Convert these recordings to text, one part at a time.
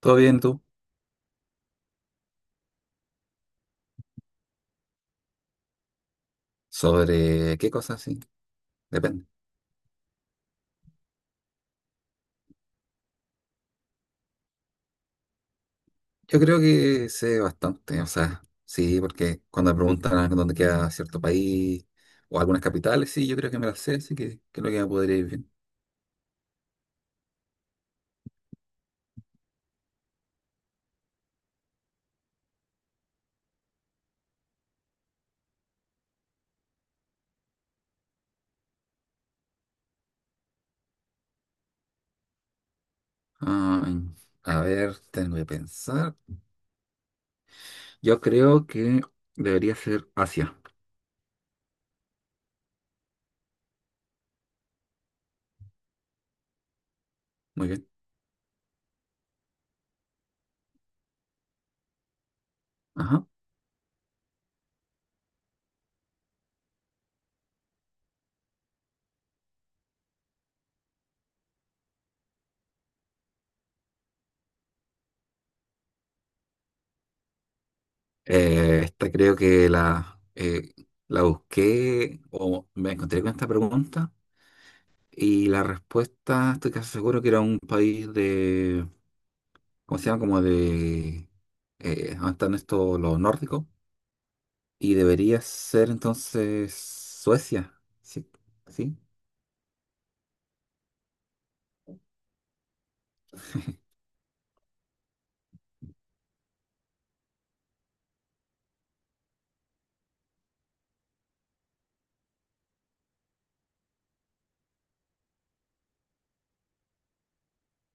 ¿Todo bien tú? ¿Sobre qué cosas? Sí, depende. Yo creo que sé bastante, o sea, sí, porque cuando me preguntan a dónde queda cierto país o algunas capitales, sí, yo creo que me las sé, así que creo que me podría ir bien. Ay, a ver, tengo que pensar. Yo creo que debería ser Asia. Muy bien. Ajá. Esta creo que la busqué o me encontré con esta pregunta y la respuesta estoy casi seguro que era un país, ¿cómo se llama? Como de... ¿Dónde están estos los nórdicos? Y debería ser entonces Suecia, ¿sí? ¿Sí?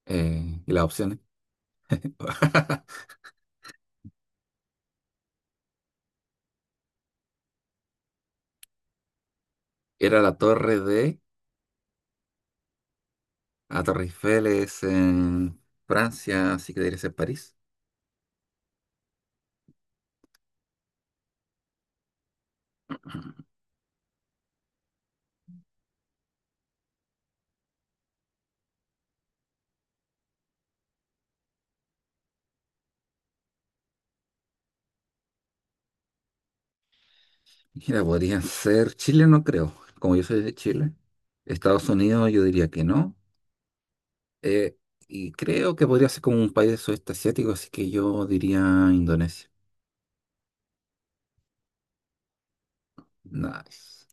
Y las opciones. Era la torre de... La Torre Eiffel es en Francia, así que debería ser París. Mira, podrían ser Chile, no creo. Como yo soy de Chile. Estados Unidos, yo diría que no. Eh, y creo que podría ser como un país de sudeste asiático, así que yo diría Indonesia. Nice.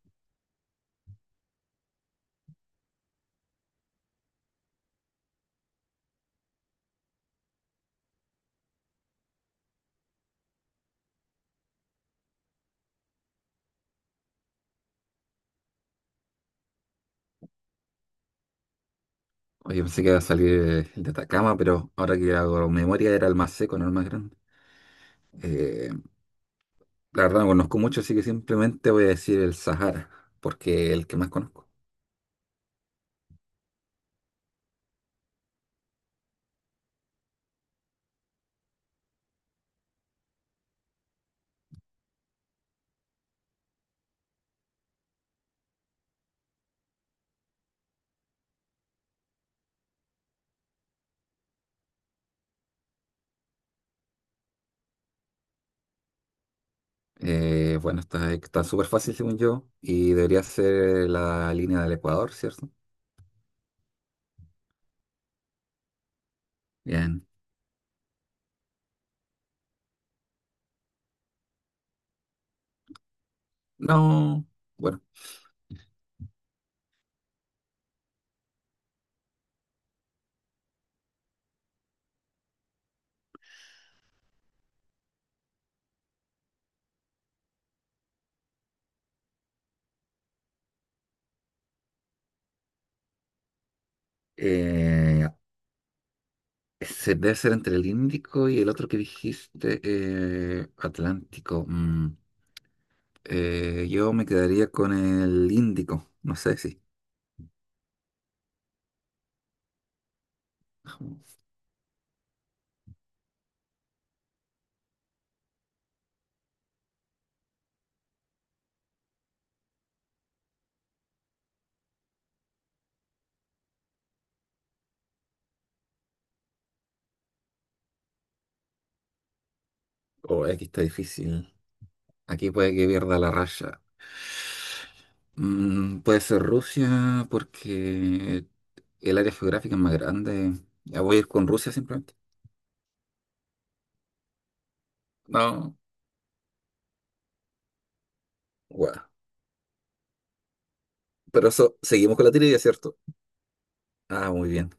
Oye, pensé que iba a salir el de Atacama, pero ahora que hago memoria era el más seco, no el más grande. Eh, la verdad no conozco mucho, así que simplemente voy a decir el Sahara, porque es el que más conozco. Bueno, está súper fácil según yo y debería ser la línea del Ecuador, ¿cierto? Bien. No, bueno. eh, Debe ser entre el Índico y el otro que dijiste, Atlántico. Yo me quedaría con el Índico, no sé si. Oh, aquí está difícil. Aquí puede que pierda la raya. Puede ser Rusia porque el área geográfica es más grande. Ya voy a ir con Rusia simplemente. No, guau. Pero eso, seguimos con la trivia, ¿cierto? Ah, muy bien.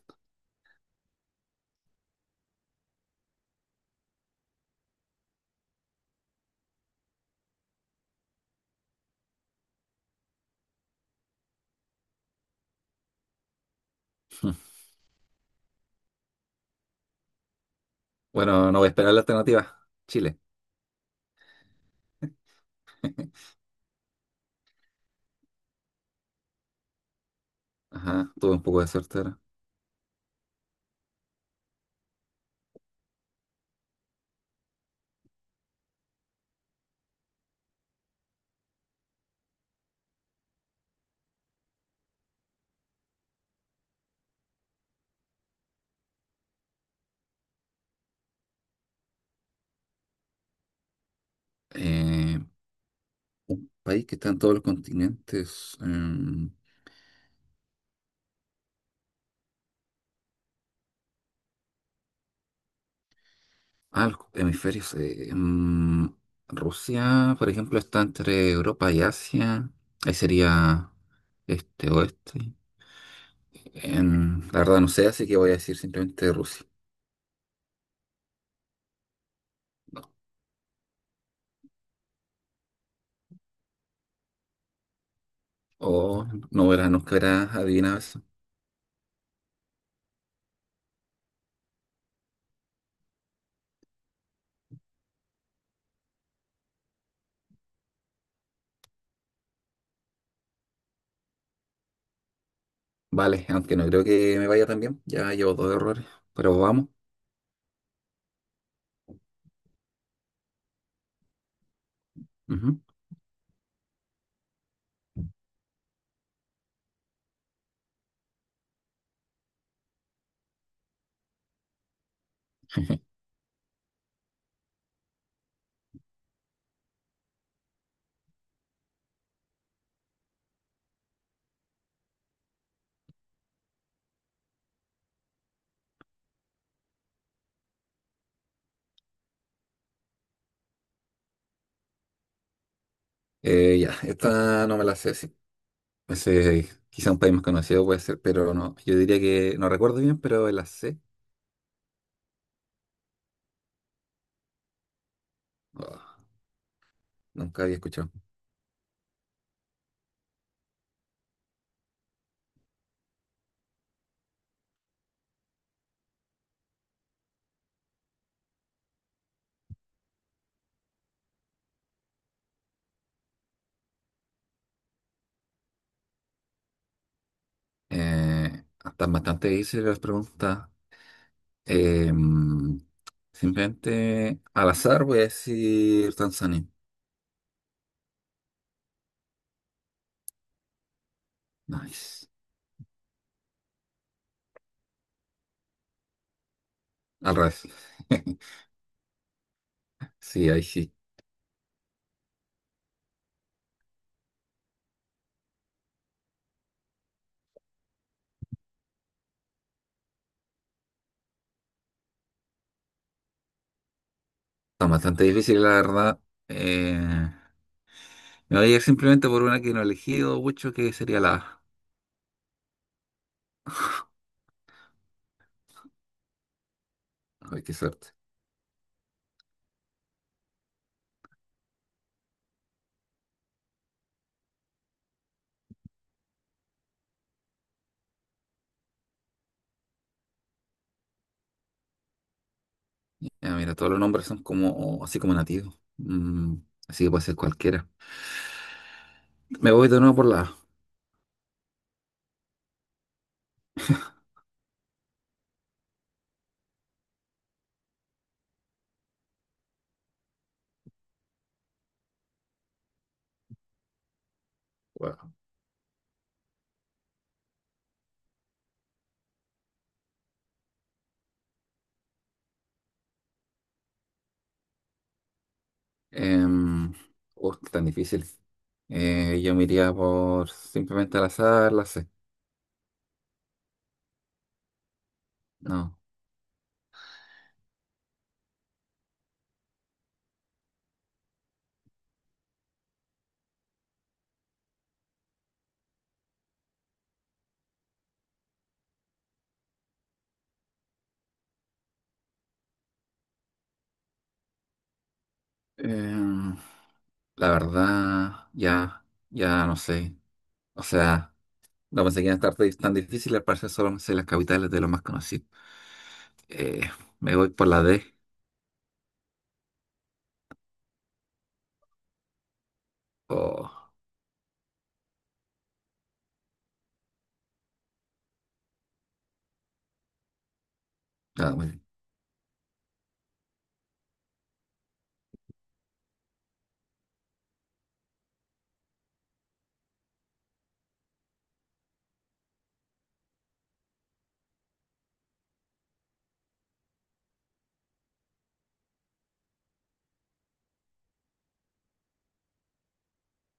Bueno, no voy a esperar la alternativa. Chile. Ajá, tuve un poco de suerte ahora. Eh, País que está en todos los continentes. Ah, los hemisferios. Rusia, por ejemplo, está entre Europa y Asia. Ahí sería este oeste. La verdad no sé, así que voy a decir simplemente Rusia. O no verás, nunca verás adivinado eso. Vale, aunque no creo que me vaya tan bien. Ya llevo dos errores, pero vamos. Ujú. Ya, Esta no me la sé, sí. Ese, quizá un país más conocido puede ser, pero no. Yo diría que no recuerdo bien, pero la sé. Oh, nunca había escuchado. Están bastante difíciles las preguntas. Eh, mm, Simplemente al azar voy a decir Tanzania. Nice. Al revés. Sí, ahí sí. Está bastante difícil la verdad. Me voy a ir simplemente por una que no he elegido mucho, que sería la A. Ay, qué suerte. Ya, mira, todos los nombres son como así como nativos. Así que puede ser cualquiera. Me voy de nuevo por la A. Wow. Em, Qué tan difícil. Yo me iría por simplemente al azar, la C. No. Em, la verdad, ya no sé. O sea, no pensé que iban a estar tan difíciles, al parecer solo me sé las capitales de los más conocidos. Eh, Me voy por la D. O nada, muy bien.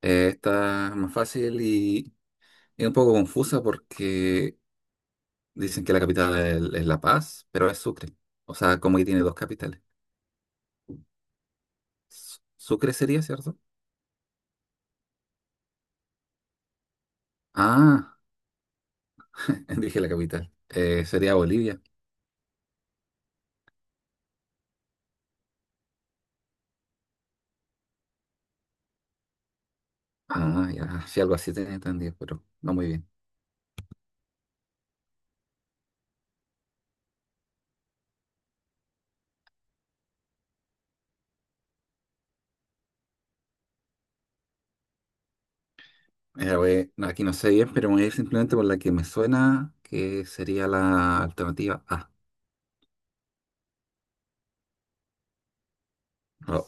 Esta es más fácil y es un poco confusa porque dicen que es La Paz, pero es Sucre. O sea, como que tiene dos capitales. Sucre sería, ¿cierto? Ah, dije la capital. Sería Bolivia. Ah, ya, sí, algo así tenía entendido, pero no muy bien. Mira, no, aquí no sé bien, pero me voy a ir simplemente por la que me suena, que sería la alternativa A. No.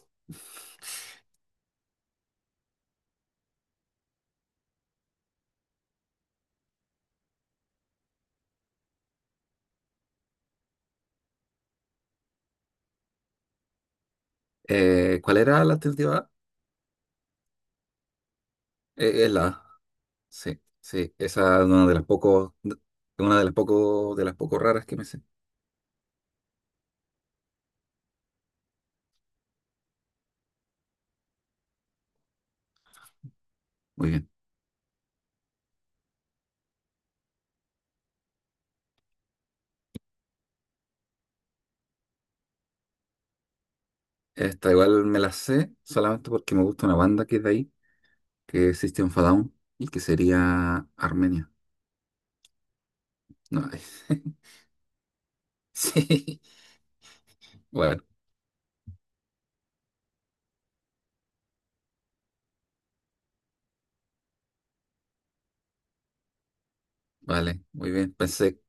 ¿Cuál era la alternativa A? Es la A. Sí, sí, esa es una de las pocos, de las poco raras que me sé. Muy bien. Esta igual me la sé solamente porque me gusta una banda que es de ahí, que es System of a Down, y que sería Armenia. No, sí. Bueno, vale, muy bien. Pensé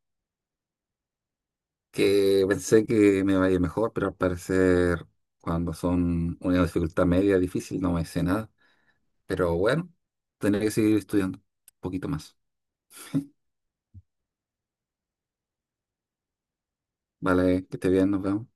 que Pensé que me vaya mejor, pero al parecer cuando son una dificultad media difícil no me sé nada. Pero bueno, tendré que seguir estudiando un poquito más. Vale, que esté bien, nos vemos.